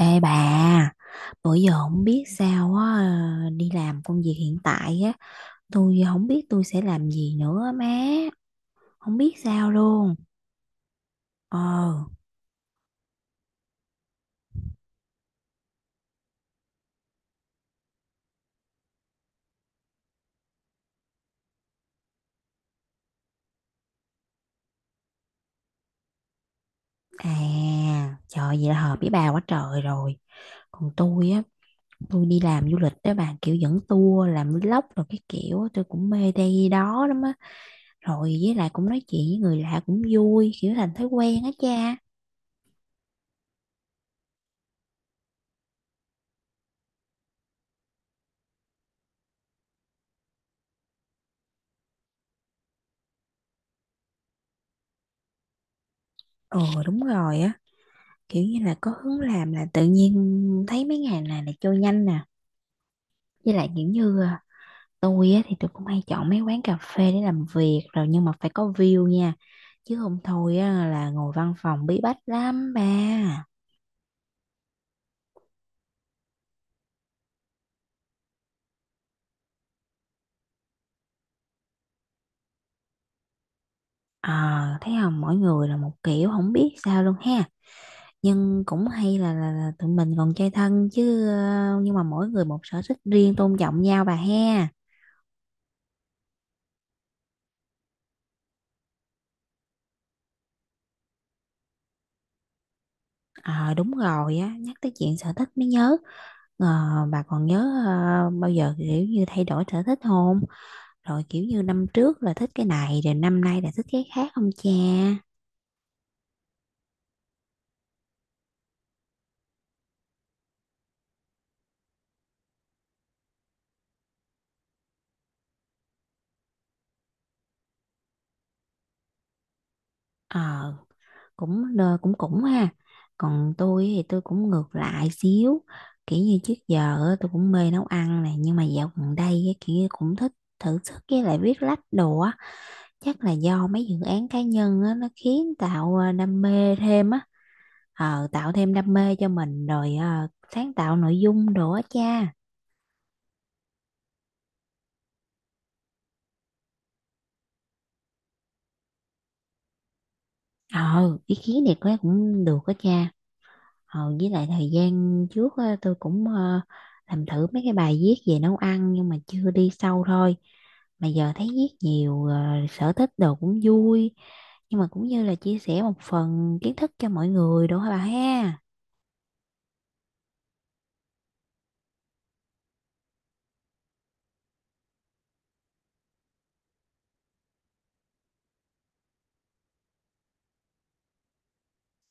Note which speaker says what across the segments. Speaker 1: Ê bà, bữa giờ không biết sao á, đi làm công việc hiện tại á, tôi không biết tôi sẽ làm gì nữa á má, không biết sao luôn. Ờ. À, trời vậy là hợp với bà quá trời rồi. Còn tôi á, tôi đi làm du lịch đó bà, kiểu dẫn tour, làm vlog rồi cái kiểu, á, tôi cũng mê đây đó lắm á. Rồi với lại cũng nói chuyện với người lạ cũng vui, kiểu thành thói quen á cha. Ờ đúng rồi á, kiểu như là có hướng làm là tự nhiên thấy mấy ngày này là trôi nhanh nè. Với lại kiểu như tôi á, thì tôi cũng hay chọn mấy quán cà phê để làm việc rồi nhưng mà phải có view nha, chứ không thôi á, là ngồi văn phòng bí bách lắm ba. À, thấy không, mỗi người là một kiểu không biết sao luôn ha, nhưng cũng hay là tụi mình còn chơi thân chứ, nhưng mà mỗi người một sở thích riêng, tôn trọng nhau bà ha. Ờ đúng rồi á, nhắc tới chuyện sở thích mới nhớ. Ờ, bà còn nhớ bao giờ kiểu như thay đổi sở thích không, rồi kiểu như năm trước là thích cái này rồi năm nay là thích cái khác không cha? Ờ cũng ờ, cũng cũng ha. Còn tôi thì tôi cũng ngược lại xíu, kiểu như trước giờ á, tôi cũng mê nấu ăn này, nhưng mà dạo gần đây á, kiểu như cũng thích thử sức với lại viết lách đồ á. Chắc là do mấy dự án cá nhân á, nó khiến tạo đam mê thêm á. Tạo thêm đam mê cho mình rồi à, sáng tạo nội dung đồ á cha. Ờ Ý kiến này có lẽ cũng được á cha. Ờ, với lại thời gian trước á, tôi cũng làm thử mấy cái bài viết về nấu ăn nhưng mà chưa đi sâu thôi. Mà giờ thấy viết nhiều sở thích đồ cũng vui, nhưng mà cũng như là chia sẻ một phần kiến thức cho mọi người, đúng hả bà ha?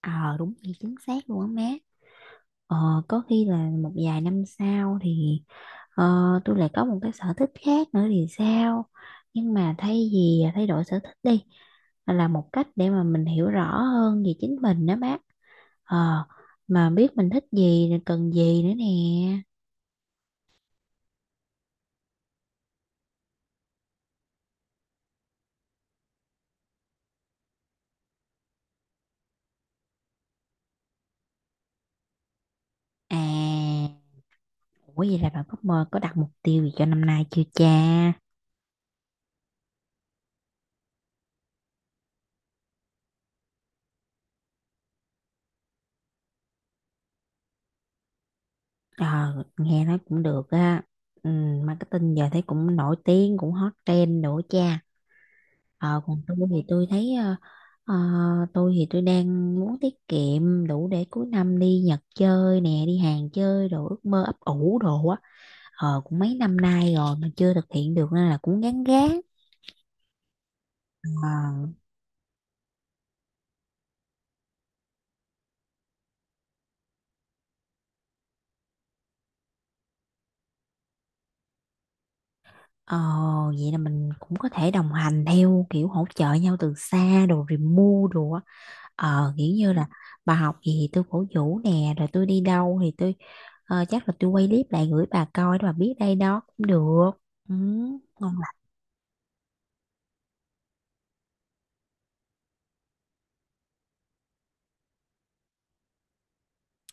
Speaker 1: Ờ đúng vậy chính xác luôn á má. Ờ, có khi là một vài năm sau thì ờ, tôi lại có một cái sở thích khác nữa thì sao? Nhưng mà thay vì thay đổi sở thích đi là một cách để mà mình hiểu rõ hơn về chính mình đó má. Ờ, mà biết mình thích gì rồi cần gì nữa nè. À, ủa vậy là bạn có mơ, có đặt mục tiêu gì cho năm nay chưa cha? Ờ, nghe nói cũng được á. Ừ, marketing giờ thấy cũng nổi tiếng, cũng hot trend nữa cha. Ờ, còn ờ, tôi thì tôi đang muốn tiết kiệm đủ để cuối năm đi Nhật chơi nè, đi Hàn chơi đồ, ước mơ ấp ủ đồ á. Ờ, cũng mấy năm nay rồi mà chưa thực hiện được nên là cũng gán gán. Ờ. Ồ, vậy là mình cũng có thể đồng hành theo kiểu hỗ trợ nhau từ xa đồ, remove đồ á. Ờ, kiểu như là bà học gì thì tôi cổ vũ nè, rồi tôi đi đâu thì chắc là tôi quay clip lại gửi bà coi để bà biết đây đó cũng được. Ừ, ngon lành.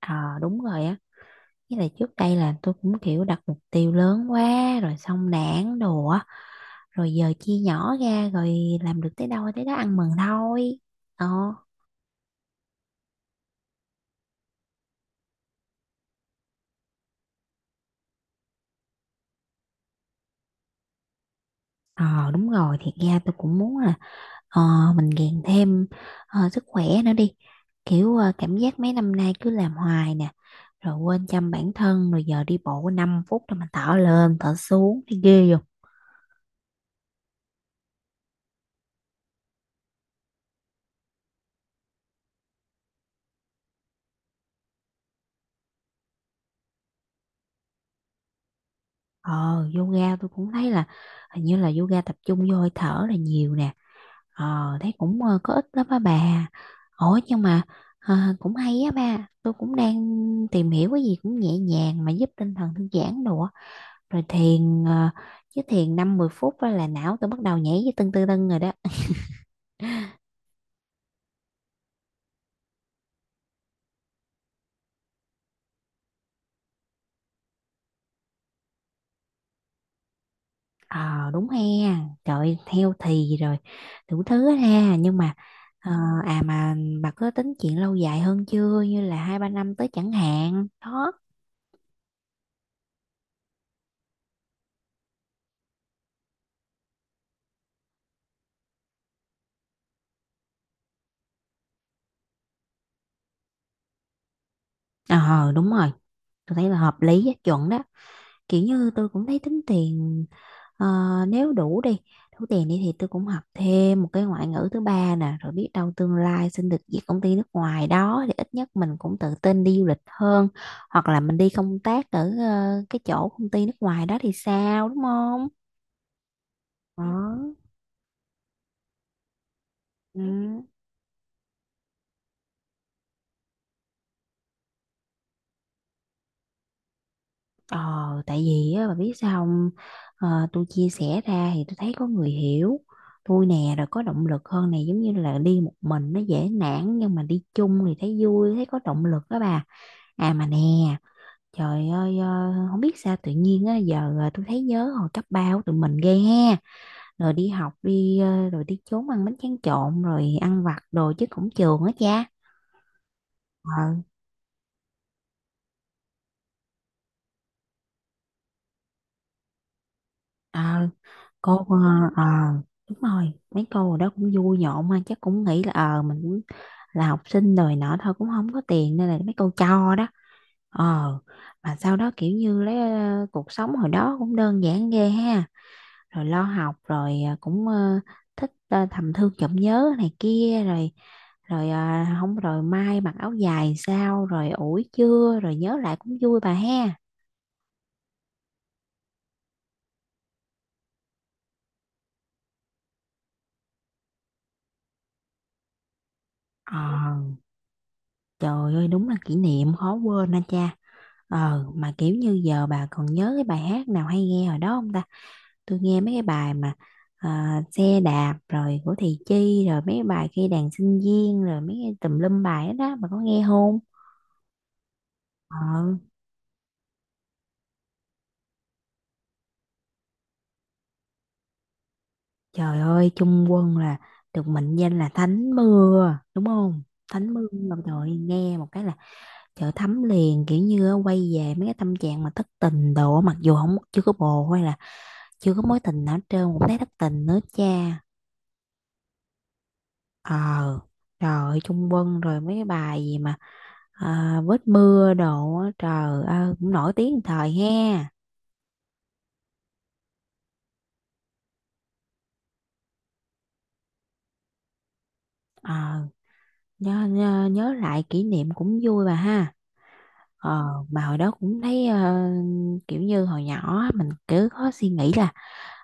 Speaker 1: Ờ, đúng rồi á. Với lại trước đây là tôi cũng kiểu đặt mục tiêu lớn quá rồi xong nản đồ á. Rồi giờ chia nhỏ ra rồi làm được tới đâu tới đó ăn mừng thôi. Ờ. Ờ đúng rồi, thiệt ra tôi cũng muốn là ờ, mình gàn thêm sức khỏe nữa đi, kiểu cảm giác mấy năm nay cứ làm hoài nè, rồi quên chăm bản thân, rồi giờ đi bộ 5 phút rồi mình thở lên thở xuống thấy ghê rồi. ờ Yoga tôi cũng thấy là hình như là yoga tập trung vô hơi thở là nhiều nè, thấy có ích lắm á bà. Ủa nhưng mà cũng hay á ba, tôi cũng đang tìm hiểu cái gì cũng nhẹ nhàng mà giúp tinh thần thư giãn đồ á, rồi thiền, chứ thiền 5-10 phút á là não tôi bắt đầu nhảy với tưng tưng tưng rồi đó. Ờ đúng he. Trời theo thì rồi đủ thứ hết ha, nhưng mà ờ, à mà bà có tính chuyện lâu dài hơn chưa, như là 2-3 năm tới chẳng hạn đó? Ờ đúng rồi, tôi thấy là hợp lý á, chuẩn đó. Kiểu như tôi cũng thấy tính tiền, ờ, nếu đủ tiền đi thì tôi cũng học thêm một cái ngoại ngữ thứ ba nè, rồi biết đâu tương lai xin được việc công ty nước ngoài đó thì ít nhất mình cũng tự tin đi du lịch hơn, hoặc là mình đi công tác ở cái chỗ công ty nước ngoài đó thì sao, đúng không? Đó. Ừ. Ờ, tại vì á, bà biết sao không? Ờ, tôi chia sẻ ra thì tôi thấy có người hiểu tôi nè rồi có động lực hơn này, giống như là đi một mình nó dễ nản nhưng mà đi chung thì thấy vui, thấy có động lực đó bà. À mà nè, trời ơi không biết sao tự nhiên á, giờ tôi thấy nhớ hồi cấp ba của tụi mình ghê ha, rồi đi học rồi đi trốn ăn bánh tráng trộn rồi ăn vặt đồ chứ cổng trường á cha. ờ ờ, cô ờ ờ, Đúng rồi, mấy cô ở đó cũng vui nhộn, mà chắc cũng nghĩ là mình cũng là học sinh rồi nọ thôi, cũng không có tiền nên là mấy cô cho đó. ờ mà sau đó kiểu như cuộc sống hồi đó cũng đơn giản ghê ha, rồi lo học, rồi cũng thích thầm thương trộm nhớ này kia rồi, rồi ờ, không rồi mai mặc áo dài sao, rồi ủi chưa, rồi nhớ lại cũng vui bà ha. ờ Trời ơi đúng là kỷ niệm khó quên anh cha. Ờ mà kiểu như giờ bà còn nhớ cái bài hát nào hay nghe hồi đó không ta? Tôi nghe mấy cái bài mà xe đạp rồi của Thị Chi, rồi mấy cái bài khi đàn sinh viên rồi mấy cái tùm lum bài đó, đó bà có nghe không? Ờ, trời ơi Trung Quân là được mệnh danh là thánh mưa đúng không? Thánh mưa mà trời ơi, nghe một cái là trời thấm liền, kiểu như á, quay về mấy cái tâm trạng mà thất tình đồ á, mặc dù không, chưa có bồ hay là chưa có mối tình nào hết trơn cũng thấy thất tình nữa cha. Ờ, rồi Trung Quân rồi mấy cái bài gì mà vết mưa đồ á, trời ơi cũng nổi tiếng một thời ha. Ờ, nhớ lại kỷ niệm cũng vui bà ha. Ờ, mà hồi đó cũng thấy kiểu như hồi nhỏ á, mình cứ có suy nghĩ là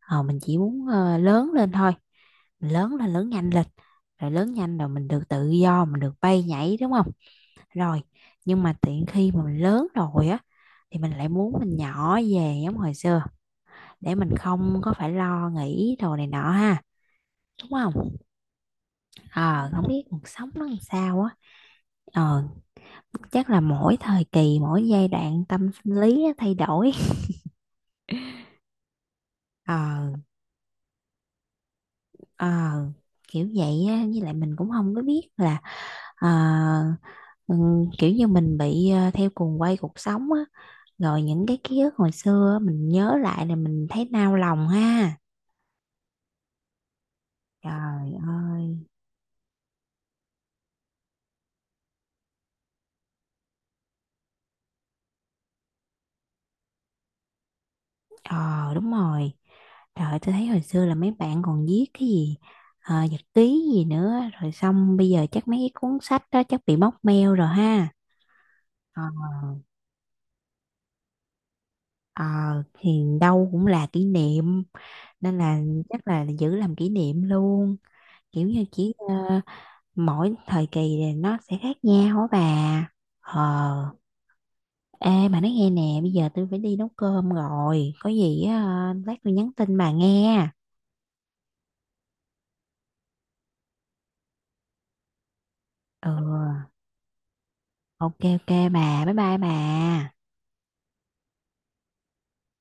Speaker 1: mình chỉ muốn lớn lên thôi. Mình lớn lên, lớn nhanh lên. Rồi lớn nhanh rồi mình được tự do, mình được bay nhảy đúng không? Rồi, nhưng mà tiện khi mà mình lớn rồi á thì mình lại muốn mình nhỏ về giống hồi xưa, để mình không có phải lo nghĩ đồ này nọ ha, đúng không? Ờ Không biết cuộc sống nó làm sao á. ờ Chắc là mỗi thời kỳ mỗi giai đoạn tâm sinh lý nó thay đổi. ờ ờ Kiểu vậy á, với lại mình cũng không có biết là ờ, kiểu như mình bị theo cuồng quay cuộc sống á, rồi những cái ký ức hồi xưa á, mình nhớ lại là mình thấy nao lòng ha. Trời ơi. Ờ đúng rồi. Trời ơi, tôi thấy hồi xưa là mấy bạn còn viết cái gì nhật ký gì nữa, rồi xong bây giờ chắc mấy cái cuốn sách đó chắc bị móc meo rồi ha. Ờ, ờ, thì đâu cũng là kỷ niệm nên là chắc là giữ làm kỷ niệm luôn, kiểu như chỉ mỗi thời kỳ thì nó sẽ khác nhau á bà. Ờ. Ê mà nói nghe nè, bây giờ tôi phải đi nấu cơm rồi, có gì á, lát tôi nhắn tin bà nghe. Ừ. Ok ok bà, bye bye bà.